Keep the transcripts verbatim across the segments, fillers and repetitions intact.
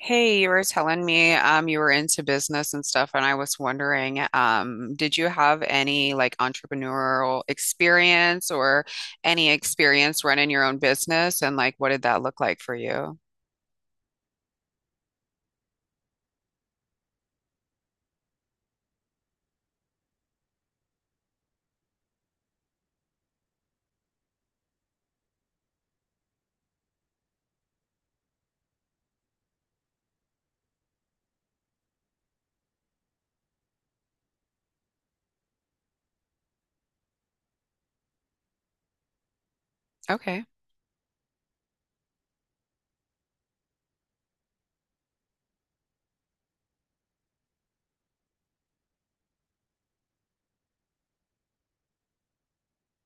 Hey, you were telling me um you were into business and stuff, and I was wondering, um, did you have any like entrepreneurial experience or any experience running your own business and like what did that look like for you? Okay.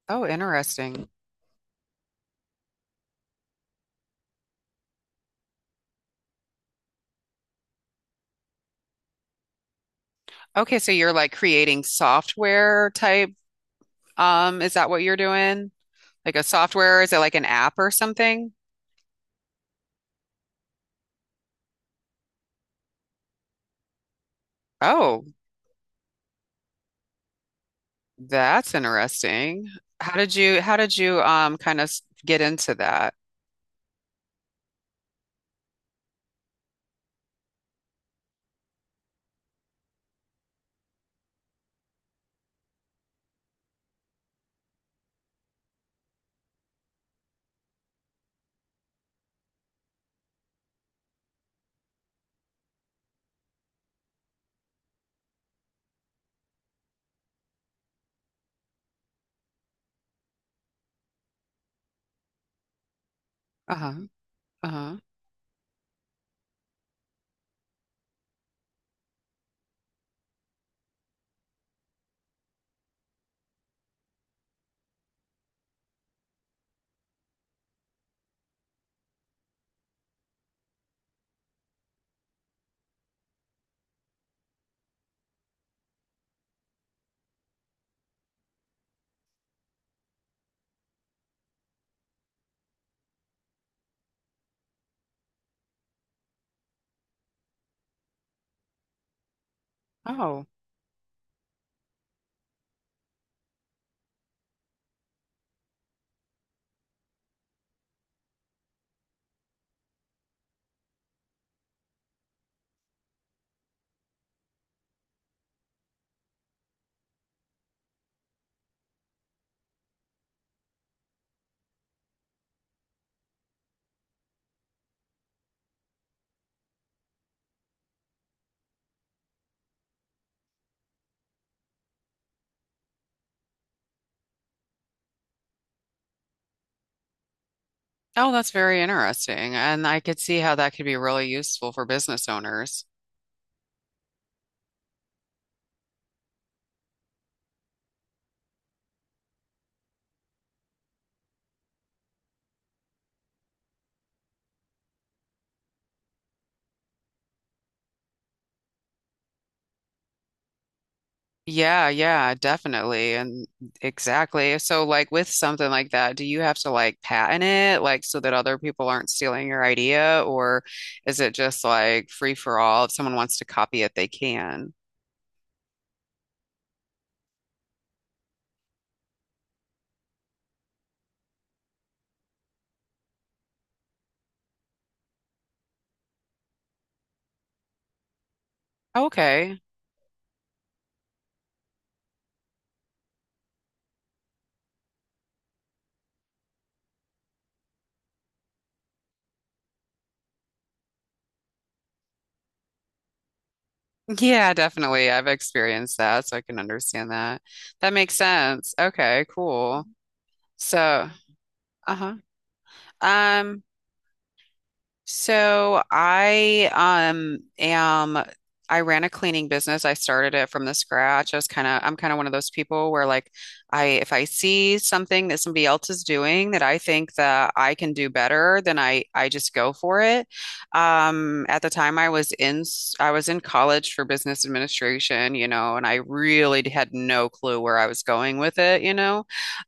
Oh, interesting. Okay, so you're like creating software type, um, is that what you're doing? Like a software, is it like an app or something? Oh, that's interesting. How did you how did you um kind of get into that? Uh-huh. Uh-huh. Oh, oh, that's very interesting. And I could see how that could be really useful for business owners. Yeah, yeah, definitely. And exactly. So, like with something like that, do you have to like patent it, like so that other people aren't stealing your idea, or is it just like free for all? If someone wants to copy it, they can. Okay. Yeah, definitely. I've experienced that, so I can understand that. That makes sense. Okay, cool. So, uh-huh. Um, So I um am I ran a cleaning business. I started it from the scratch. I was kind of I'm kind of one of those people where like I, if I see something that somebody else is doing that I think that I can do better, then I I just go for it. Um, at the time I was in s- I was in college for business administration, you know, and I really had no clue where I was going with it, you know.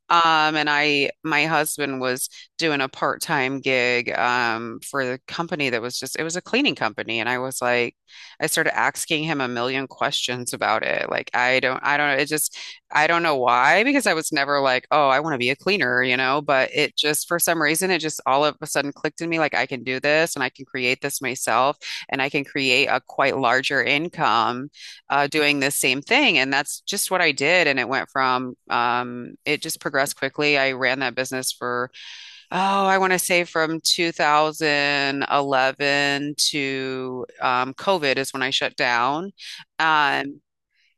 Um, and I, my husband was doing a part-time gig, um, for the company that was just, it was a cleaning company. And I was like, I started asking him a million questions about it. Like, I don't, I don't, it just, I don't know why, because I was never like, oh, I want to be a cleaner, you know, but it just, for some reason, it just all of a sudden clicked in me. Like, I can do this and I can create this myself and I can create a quite larger income uh, doing the same thing. And that's just what I did. And it went from, um, it just progressed quickly. I ran that business for, oh, I want to say from two thousand eleven to um, COVID is when I shut down. Um,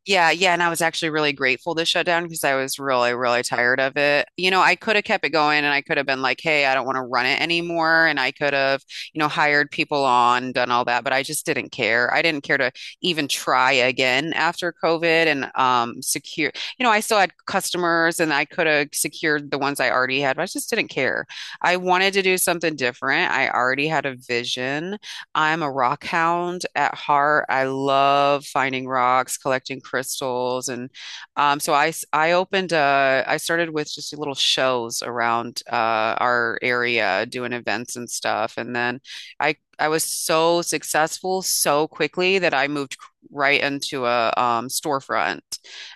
yeah, yeah, and I was actually really grateful to shut down because I was really, really tired of it. You know, I could have kept it going and I could have been like, hey, I don't want to run it anymore. And I could have, you know, hired people on, done all that, but I just didn't care. I didn't care to even try again after COVID and um secure, you know, I still had customers and I could have secured the ones I already had, but I just didn't care. I wanted to do something different. I already had a vision. I'm a rock hound at heart. I love finding rocks, collecting crystals, and um, so I I opened uh I started with just little shows around uh, our area, doing events and stuff, and then I I was so successful so quickly that I moved right into a um, storefront.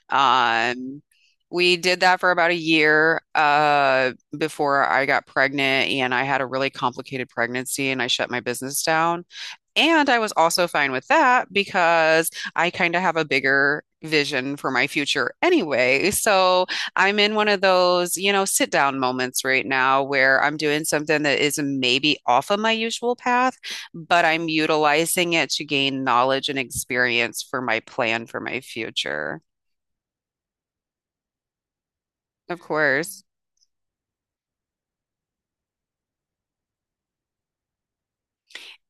Um, we did that for about a year uh, before I got pregnant, and I had a really complicated pregnancy, and I shut my business down. And I was also fine with that because I kind of have a bigger vision for my future anyway. So I'm in one of those, you know, sit down moments right now where I'm doing something that is maybe off of my usual path, but I'm utilizing it to gain knowledge and experience for my plan for my future. Of course.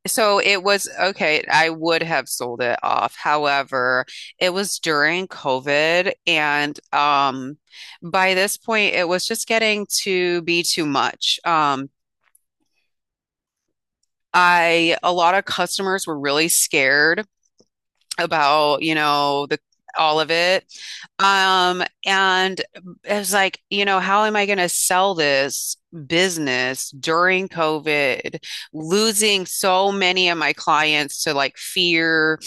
So it was okay. I would have sold it off. However, it was during COVID, and um, by this point, it was just getting to be too much. Um, I a lot of customers were really scared about, you know, the all of it. Um, and it was like, you know, how am I going to sell this business during COVID, losing so many of my clients to like fear?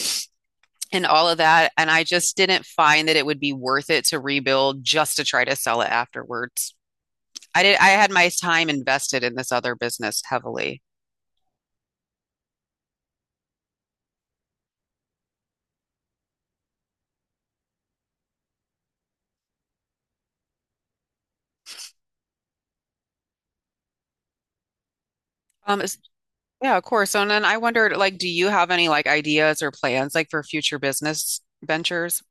And all of that. And I just didn't find that it would be worth it to rebuild just to try to sell it afterwards. I did, I had my time invested in this other business heavily. Um, is- yeah, of course. And then I wondered, like, do you have any like ideas or plans like for future business ventures?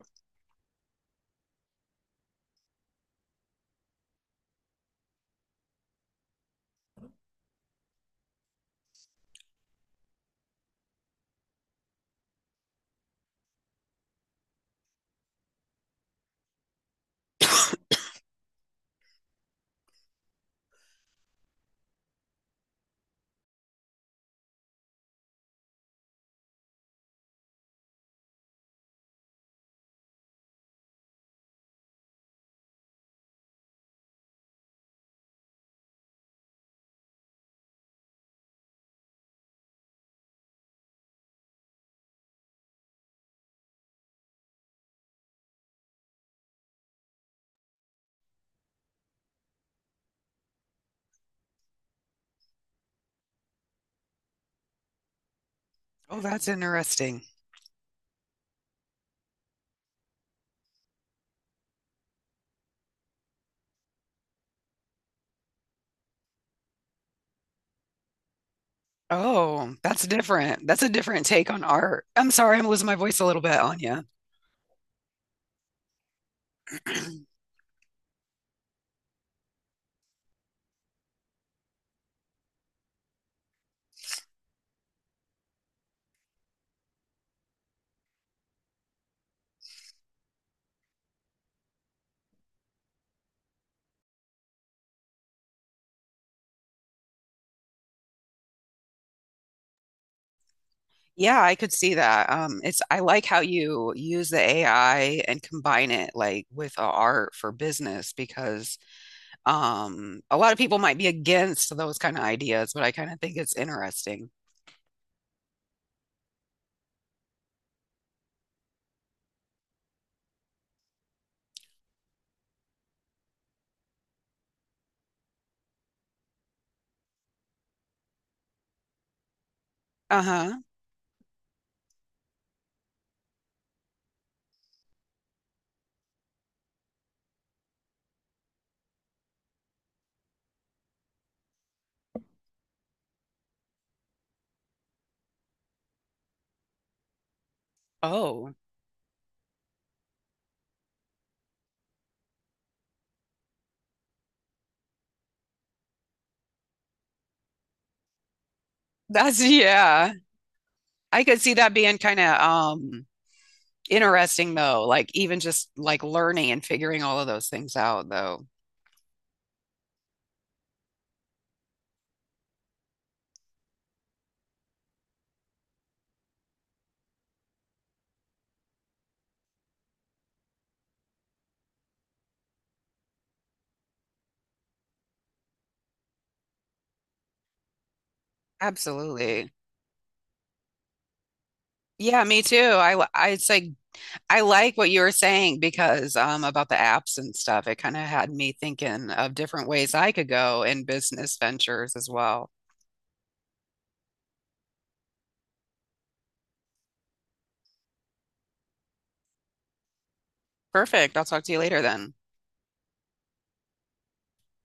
Oh, that's interesting. Oh, that's different. That's a different take on art. I'm sorry, I'm losing my voice a little bit, Anya. Yeah, I could see that. Um, it's I like how you use the A I and combine it like with a art for business because um, a lot of people might be against those kind of ideas, but I kind of think it's interesting. Uh-huh. Oh, that's yeah. I could see that being kind of um interesting though, like even just like learning and figuring all of those things out though. Absolutely. Yeah, me too. I I it's like I like what you were saying because um, about the apps and stuff. It kind of had me thinking of different ways I could go in business ventures as well. Perfect. I'll talk to you later then.